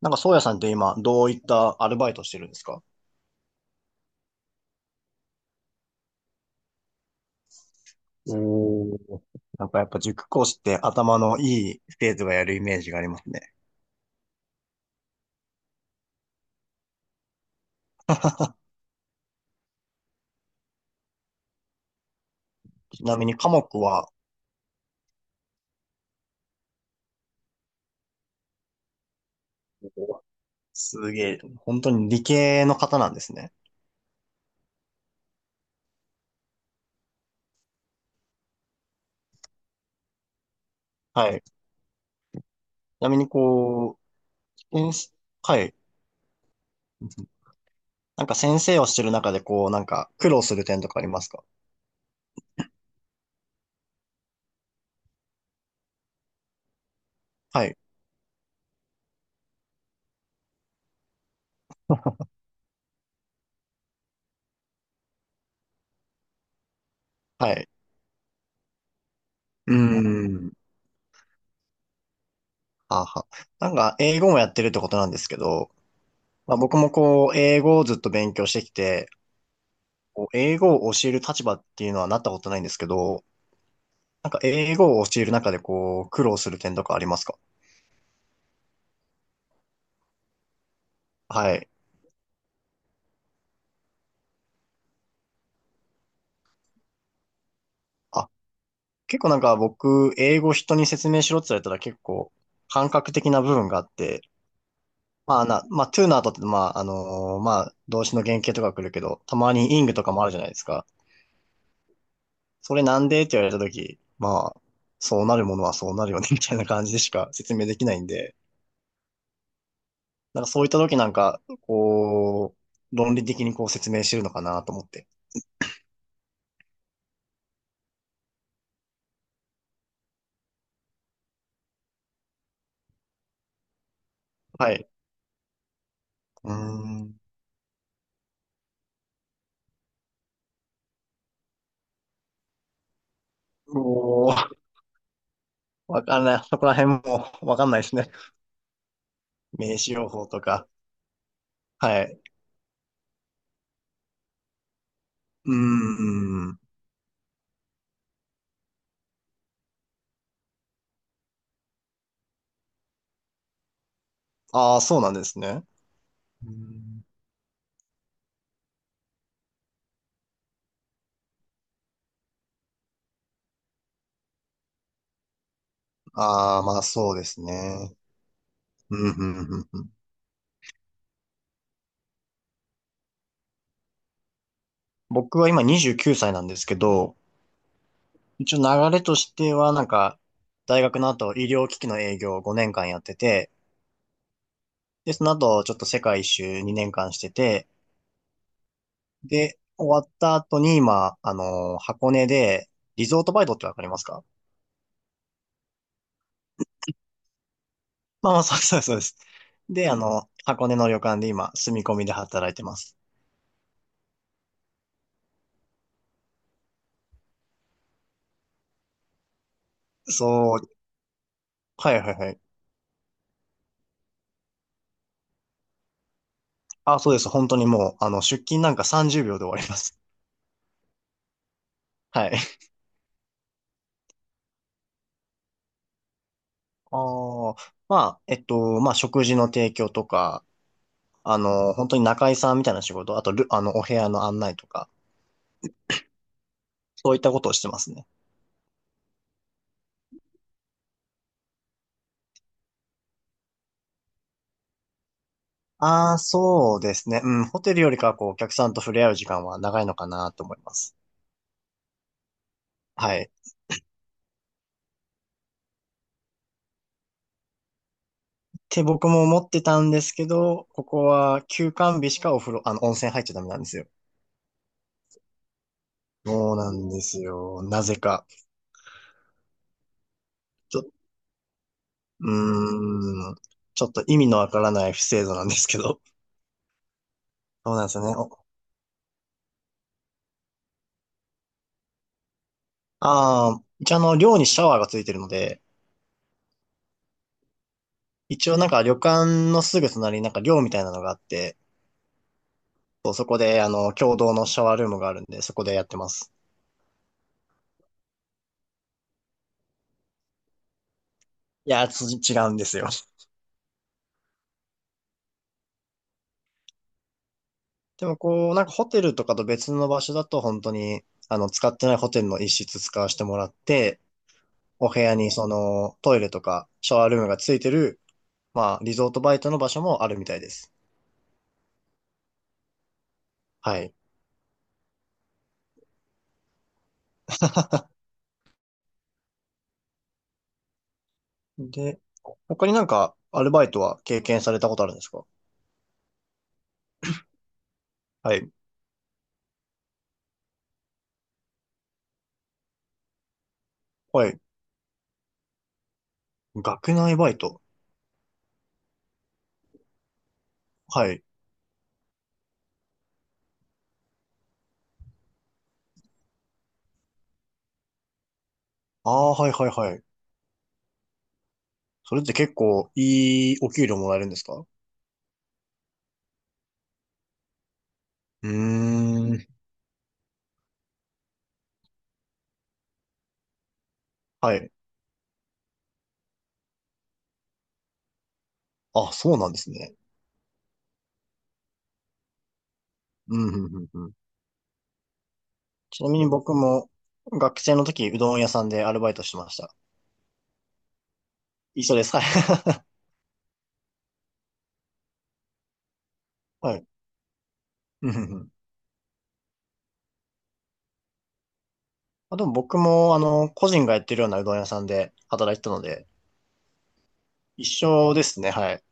なんか、宗谷さんって今、どういったアルバイトしてるんですか？おー。なんかやっぱ塾講師って頭のいい生徒がやるイメージがありますね。ちなみに科目は？すげえ、本当に理系の方なんですね。はい。ちなみにこう、先生。はい。なんか先生をしてる中でこう、なんか苦労する点とかありますか？はい。はい。うーん。はあはあ。なんか英語もやってるってことなんですけど、まあ、僕もこう、英語をずっと勉強してきて、こう英語を教える立場っていうのはなったことないんですけど、なんか英語を教える中でこう、苦労する点とかありますか？はい。あ、結構なんか僕、英語人に説明しろって言われたら結構、感覚的な部分があって、まあな、まあ、to の後って、まあ、まあ、動詞の原型とか来るけど、たまに ing とかもあるじゃないですか。それなんでって言われたとき、まあ、そうなるものはそうなるよね、みたいな感じでしか説明できないんで、なんかそういったときなんか、こう、論理的にこう説明してるのかなと思って。はい。うーん。おー、わかんない。そこら辺もわかんないですね。名刺用法とか。はい。うーん。ああ、そうなんですね。ああー、まあそうですね。うんうんうんうん。僕は今29歳なんですけど、一応流れとしてはなんか、大学の後医療機器の営業を5年間やってて、で、その後ちょっと世界一周2年間してて、で、終わった後に今、あの、箱根でリゾートバイトってわかりますか？まあまあ、そうそうそうです。で、あの、箱根の旅館で今、住み込みで働いてます。そう、はいはいはい。あ、そうです。本当にもう、あの、出勤なんか30秒で終わります。はい。ああ、まあ、まあ、食事の提供とか、あの、本当に仲居さんみたいな仕事、あとル、あの、お部屋の案内とか、そういったことをしてますね。ああ、そうですね。うん、ホテルよりかは、こう、お客さんと触れ合う時間は長いのかなと思います。はい。て僕も思ってたんですけど、ここは休館日しかお風呂、温泉入っちゃダメなんですよ。そうなんですよ。なぜか。うーん。ちょっと意味のわからない不制度なんですけど。そうなんですよね。ああ、一応寮にシャワーがついてるので、一応なんか旅館のすぐ隣になんか寮みたいなのがあって、そう、そこで共同のシャワールームがあるんで、そこでやってます。いや、違うんですよ。でもこう、なんかホテルとかと別の場所だと本当に、あの、使ってないホテルの一室使わせてもらって、お部屋にそのトイレとかシャワールームがついてる、まあ、リゾートバイトの場所もあるみたいです。はい。で、他になんかアルバイトは経験されたことあるんですか？はい。はい。学内バイト。はい。ああ、はいはいはい。それって結構いいお給料もらえるんですか？うーん。はい。あ、そうなんですね。うん、うん、うんうん。ちなみに僕も学生の時、うどん屋さんでアルバイトしてました。一緒です。はい。はい。うんうんうん。あ、でも僕も、個人がやってるようなうどん屋さんで働いてたので、一緒ですね。はい。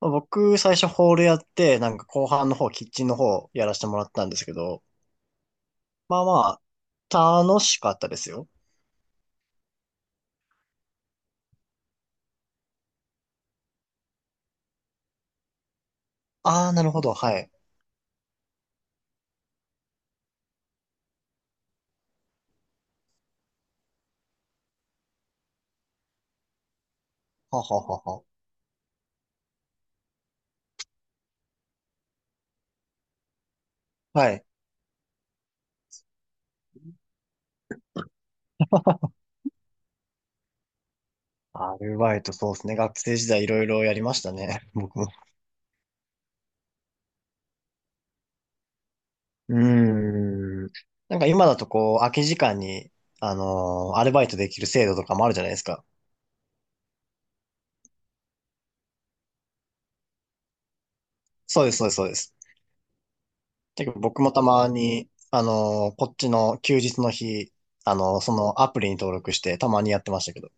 まあ僕、最初ホールやって、なんか後半の方、キッチンの方やらせてもらったんですけど、まあまあ、楽しかったですよ。ああ、なるほど。はい。はははは。はい。アルバイト、そうですね。学生時代いろいろやりましたね。僕も。うーん。なんか今だとこう、空き時間に、アルバイトできる制度とかもあるじゃないですか。そうです、そうです、そうです。結構僕もたまに、こっちの休日の日、そのアプリに登録してたまにやってましたけど。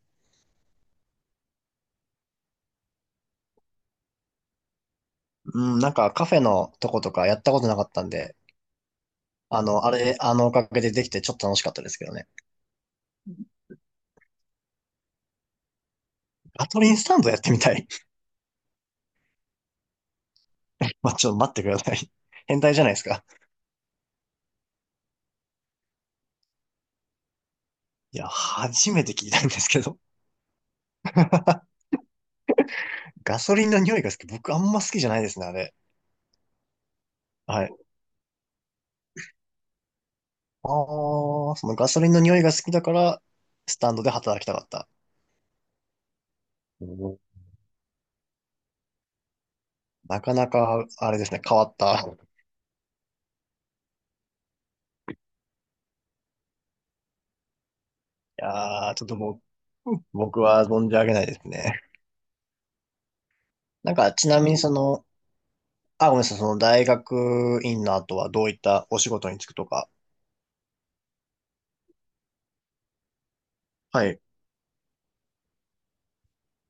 うん、なんかカフェのとことかやったことなかったんで、あれ、あのおかげでできてちょっと楽しかったですけどね。ガトリンスタンドやってみたい。まあ、ちょっと待ってください。変態じゃないですか。いや、初めて聞いたんですけど。ガソリンの匂いが好き。僕あんま好きじゃないですね、あれ。はい。ああ、そのガソリンの匂いが好きだから、スタンドで働きたかった。おー、なかなか、あれですね、変わった。いやー、ちょっともう、僕は存じ上げないですね。なんか、ちなみにその、あ、ごめんなさい、その大学院の後はどういったお仕事に就くとか。はい。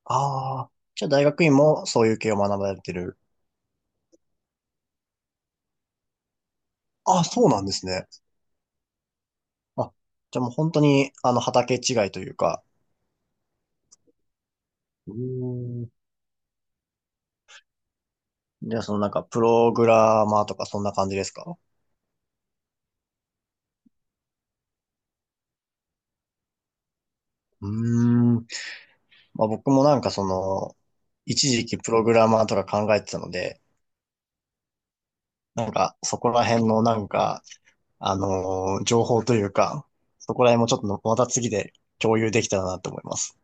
ああ、じゃあ大学院もそういう系を学ばれてる。あ、そうなんですね。あ、じゃあもう本当に、畑違いというか。うーん。じゃあ、そのなんか、プログラマーとかそんな感じですか？うーん。まあ僕もなんかその、一時期プログラマーとか考えてたので、なんか、そこら辺のなんか、情報というか、そこら辺もちょっとまた次で共有できたらなと思います。